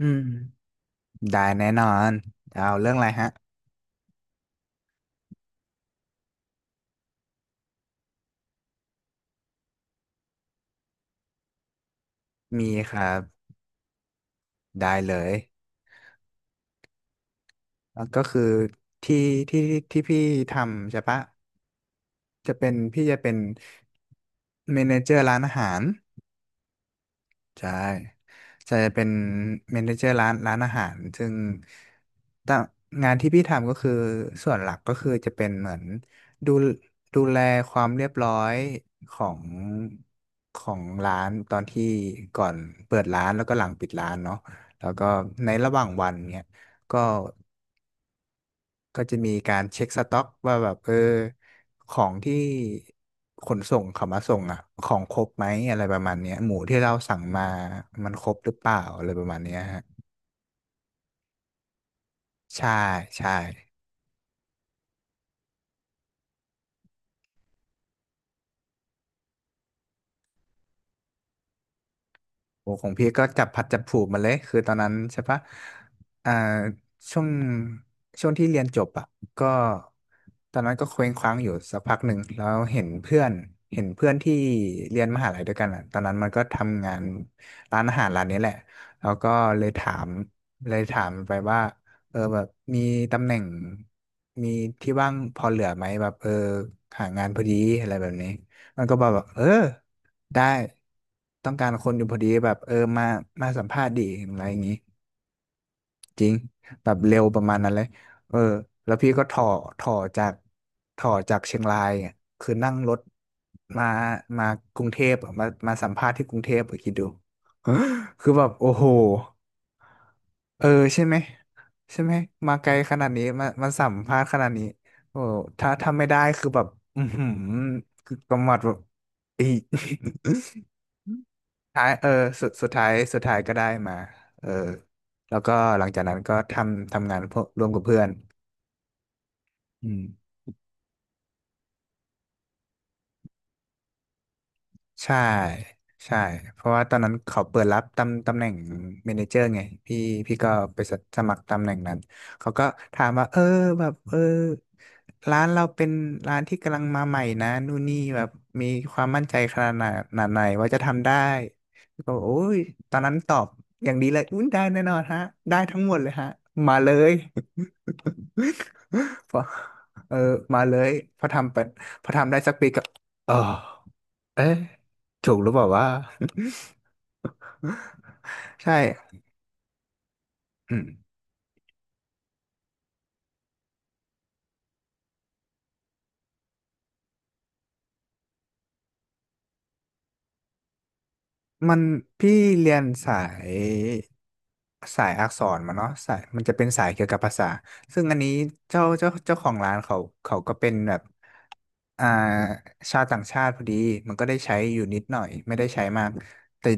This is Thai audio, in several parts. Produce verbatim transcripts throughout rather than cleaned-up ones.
อืมได้แน่นอนเอาเรื่องอะไรฮะมีครับได้เลยแล้วก็คือที่ที่ที่พี่ทำใช่ปะจะเป็นพี่จะเป็นเมเนเจอร์ร้านอาหาร ใช่จะเป็นเมเนเจอร์ร้านร้านอาหารซึ่งต่งงานที่พี่ทำก็คือส่วนหลักก็คือจะเป็นเหมือนดูดูแลความเรียบร้อยของของร้านตอนที่ก่อนเปิดร้านแล้วก็หลังปิดร้านเนาะแล้วก็ในระหว่างวันเนี่ยก็ ก็จะมีการเช็คสต็อกว่าแบบเออของที่ขนส่งเขามาส่งอ่ะของครบไหมอะไรประมาณเนี้ยหมูที่เราสั่งมามันครบหรือเปล่าอะไรประมาณเนี้ยฮะใช่ใช่ โอ้ของพี่ก็จับพัดจับผูกมาเลยคือตอนนั้นใช่ปะอ่าช่วงช่วงที่เรียนจบอ่ะก็ตอนนั้นก็เคว้งคว้างอยู่สักพักหนึ่งแล้วเห็นเพื่อนเห็นเพื่อนที่เรียนมหาลัยด้วยกันอ่ะตอนนั้นมันก็ทำงานร้านอาหารร้านนี้แหละแล้วก็เลยถามเลยถามไปว่าเออแบบมีตำแหน่งมีที่ว่างพอเหลือไหมแบบเออหางานพอดีอะไรแบบนี้มันก็บอกว่าเออ ได้ต้องการคนอยู่พอดีแบบเออมามาสัมภาษณ์ดีอะไรอย่างงี้จริงแบบเร็วประมาณนั้นเลยเออแล้วพี่ก็ถ่อถ่อจากถ่อจากเชียงรายอะคือนั่งรถมามากรุงเทพอะมามาสัมภาษณ์ที่กรุงเทพอะคิดดู คือแบบโอ้โหเออใช่ไหมใช่ไหมมาไกลขนาดนี้มามาสัมภาษณ์ขนาดนี้โอ้ถ้าถ้าไม่ได้คือแบบอือหือคือกำหมัดแบบอีก ท้ายเออสุดสุดท้ายสุดท้ายก็ได้มาเออแล้วก็หลังจากนั้นก็ทำทำงานพวกร่วมกับเพื่อนอืม ใช่ใช่เพราะว่าตอนนั้นเขาเปิดรับตำตำแหน่งเมเนเจอร์ไงพี่พี่ก็ไปสสมัครตำแหน่งนั้นเขาก็ถามว่าเออแบบเออร้านเราเป็นร้านที่กำลังมาใหม่นะนู่นนี่แบบมีความมั่นใจขนาดไหนขนาดไหนว่าจะทำได้ก็บอกโอ้ยตอนนั้นตอบอย่างดีเลยอุ้ยได้แน่นอนฮะได้ทั้งหมดเลยฮะมาเลย พอเออมาเลยพอทำไปพอทำได้สักปีก็เออ เอ๊ะถูกหรือเปล่าว่า ใช่อืม มันพี่เรียนสายสายอักษรมาเนาะสายมันจะเป็นสายเกี่ยวกับภาษาซึ่งอันนี้เจ้าเจ้าเจ้าของร้านเขาเขาก็เป็นแบบอ่าชาวต่างชาติพอดีมันก็ได้ใช้อยู่นิดหน่อยไม่ได้ใช้มากแต่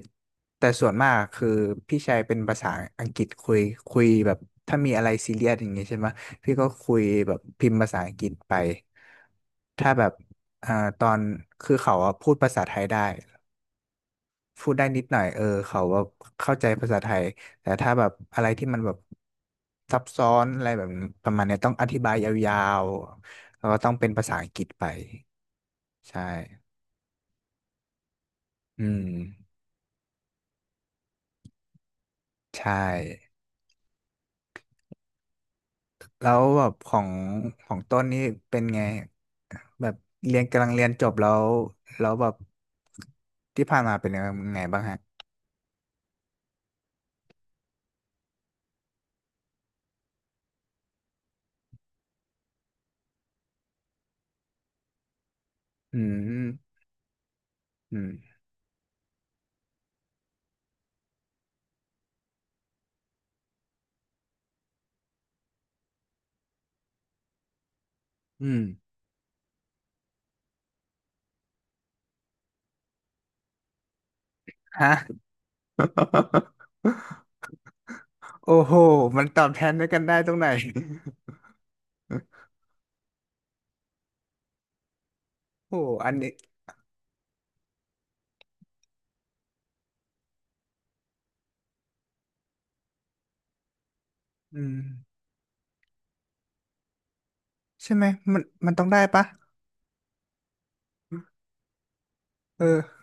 แต่ส่วนมากคือพี่ใช้เป็นภาษาอังกฤษคุยคุยแบบถ้ามีอะไรซีเรียสอย่างเงี้ยใช่ไหมพี่ก็คุยแบบพิมพ์ภาษาอังกฤษไปถ้าแบบอ่าตอนคือเขาอะพูดภาษาไทยได้ พูดได้นิดหน่อยเออเขาแบบเข้าใจภาษาไทย แต่ถ้าแบบอะไรที่มันแบบซับซ้อนอะไรแบบประมาณเนี้ยต้องอธิบายยาวๆแล้วก็ต้องเป็นภาษาอังกฤษไปใช่อืมใช่แล้วแบบของของต้นนี่เป็นไงแบบเรียนกำลังเรียนจบแล้วแล้วแบบที่ผ่านมาเป็นยังไงบ้างฮะอืมอืมอืมฮะ โอ้โหมันตอบแทนด้วยกันได้ตรงไหน โอ้อันนี้อืมใช่ไหมมันมันต้องได้ปะเออ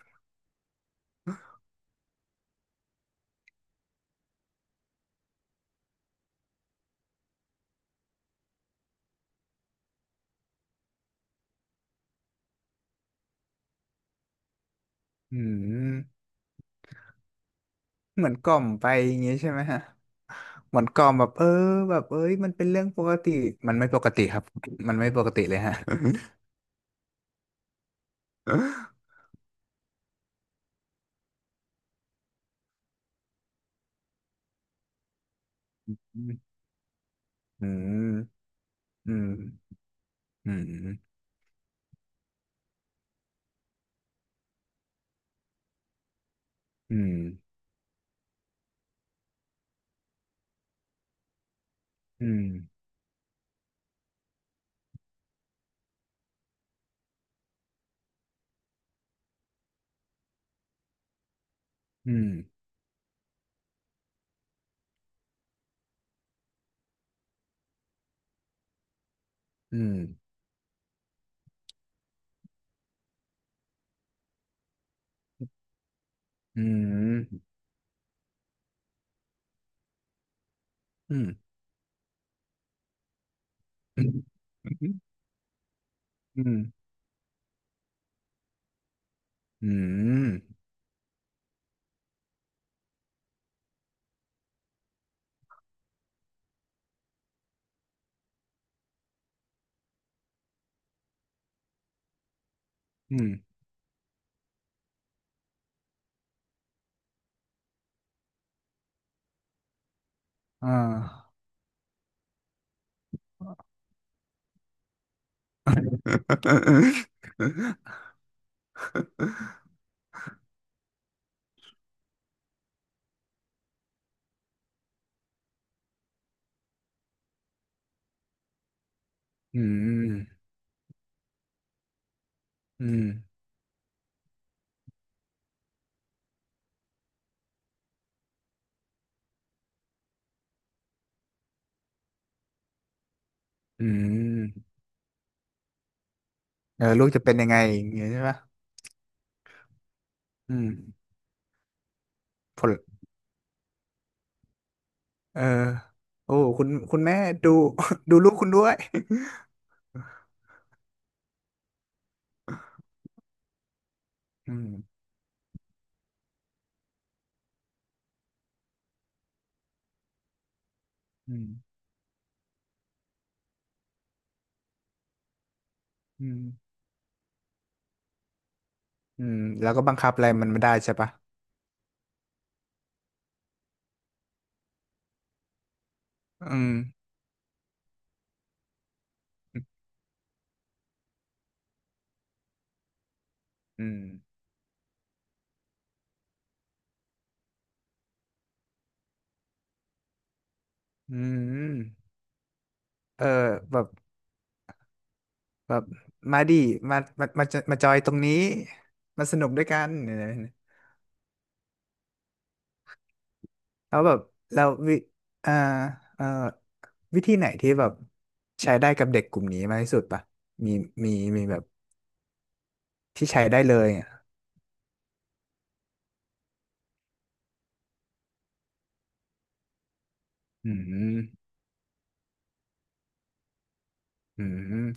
อืมเหมือนกล่อมไปอย่างงี้ใช่ไหมฮะเหมือนกล่อมแบบเออแบบเอ้ยมันเป็นเรื่องปกติมันไม่ปกติครับมันไม่ปกติเลยฮะอืมอืมอืมอืมอืมอืมอืมอืมอืมอืมอืมอืมอืมอ่าอืมอืมอืม เออลูกจะเป็นยังไงอย่างเงี้ยใช่ปะอืมผลเออโอ้คุณคุณแม่ดู ดูลูกคุณด้วย อืมอืมอืมอืมแล้วก็บังคับอะไรมันไม่ได้ใช่ปะอืมอืมอืมเออแบบแบบมาดิมามามาจะมาจอยตรงนี้มาสนุกด้วยกันเนี่ยแล้วแบบแล้ววิอ่าเอ่อวิธีไหนที่แบบใช้ได้กับเด็กกลุ่มนี้มากที่สุดปะมีมีมีแบบ ที่ใช้ได้เลยอะอืม อืม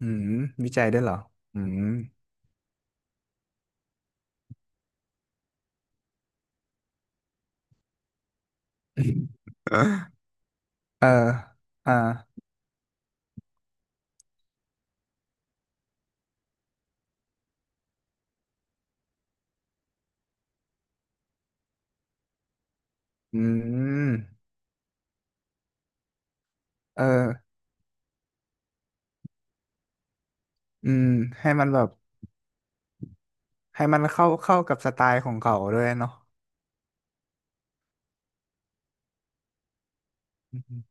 อืมวิจัยได้วยเหรออืม เอออ่าอืมเอออืมให้มันแบบให้มันเข้าเข้ากับสไตล์ของเขาด้วยเนาะอืม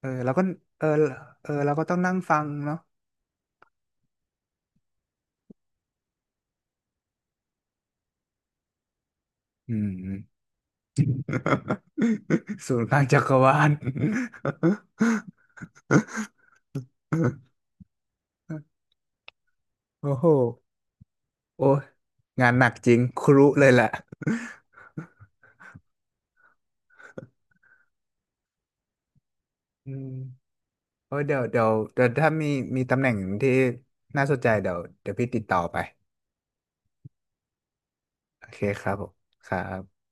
เออแล้วก็เออเออเราก็ต้องนั่งฟังเนาะอืม ศูนย์กลางจักรวาล โอ้โหโอ้ยงานหนักจริง ครุเลยแหละอืม โอ้ยเดี๋ยวเดี๋ยวเดี๋ยว ถ้ามีมีตำแหน่งที่น่าสนใจเดี๋ยวเดี๋ยวพี่ติดต่อไป โอเคครับผมครับ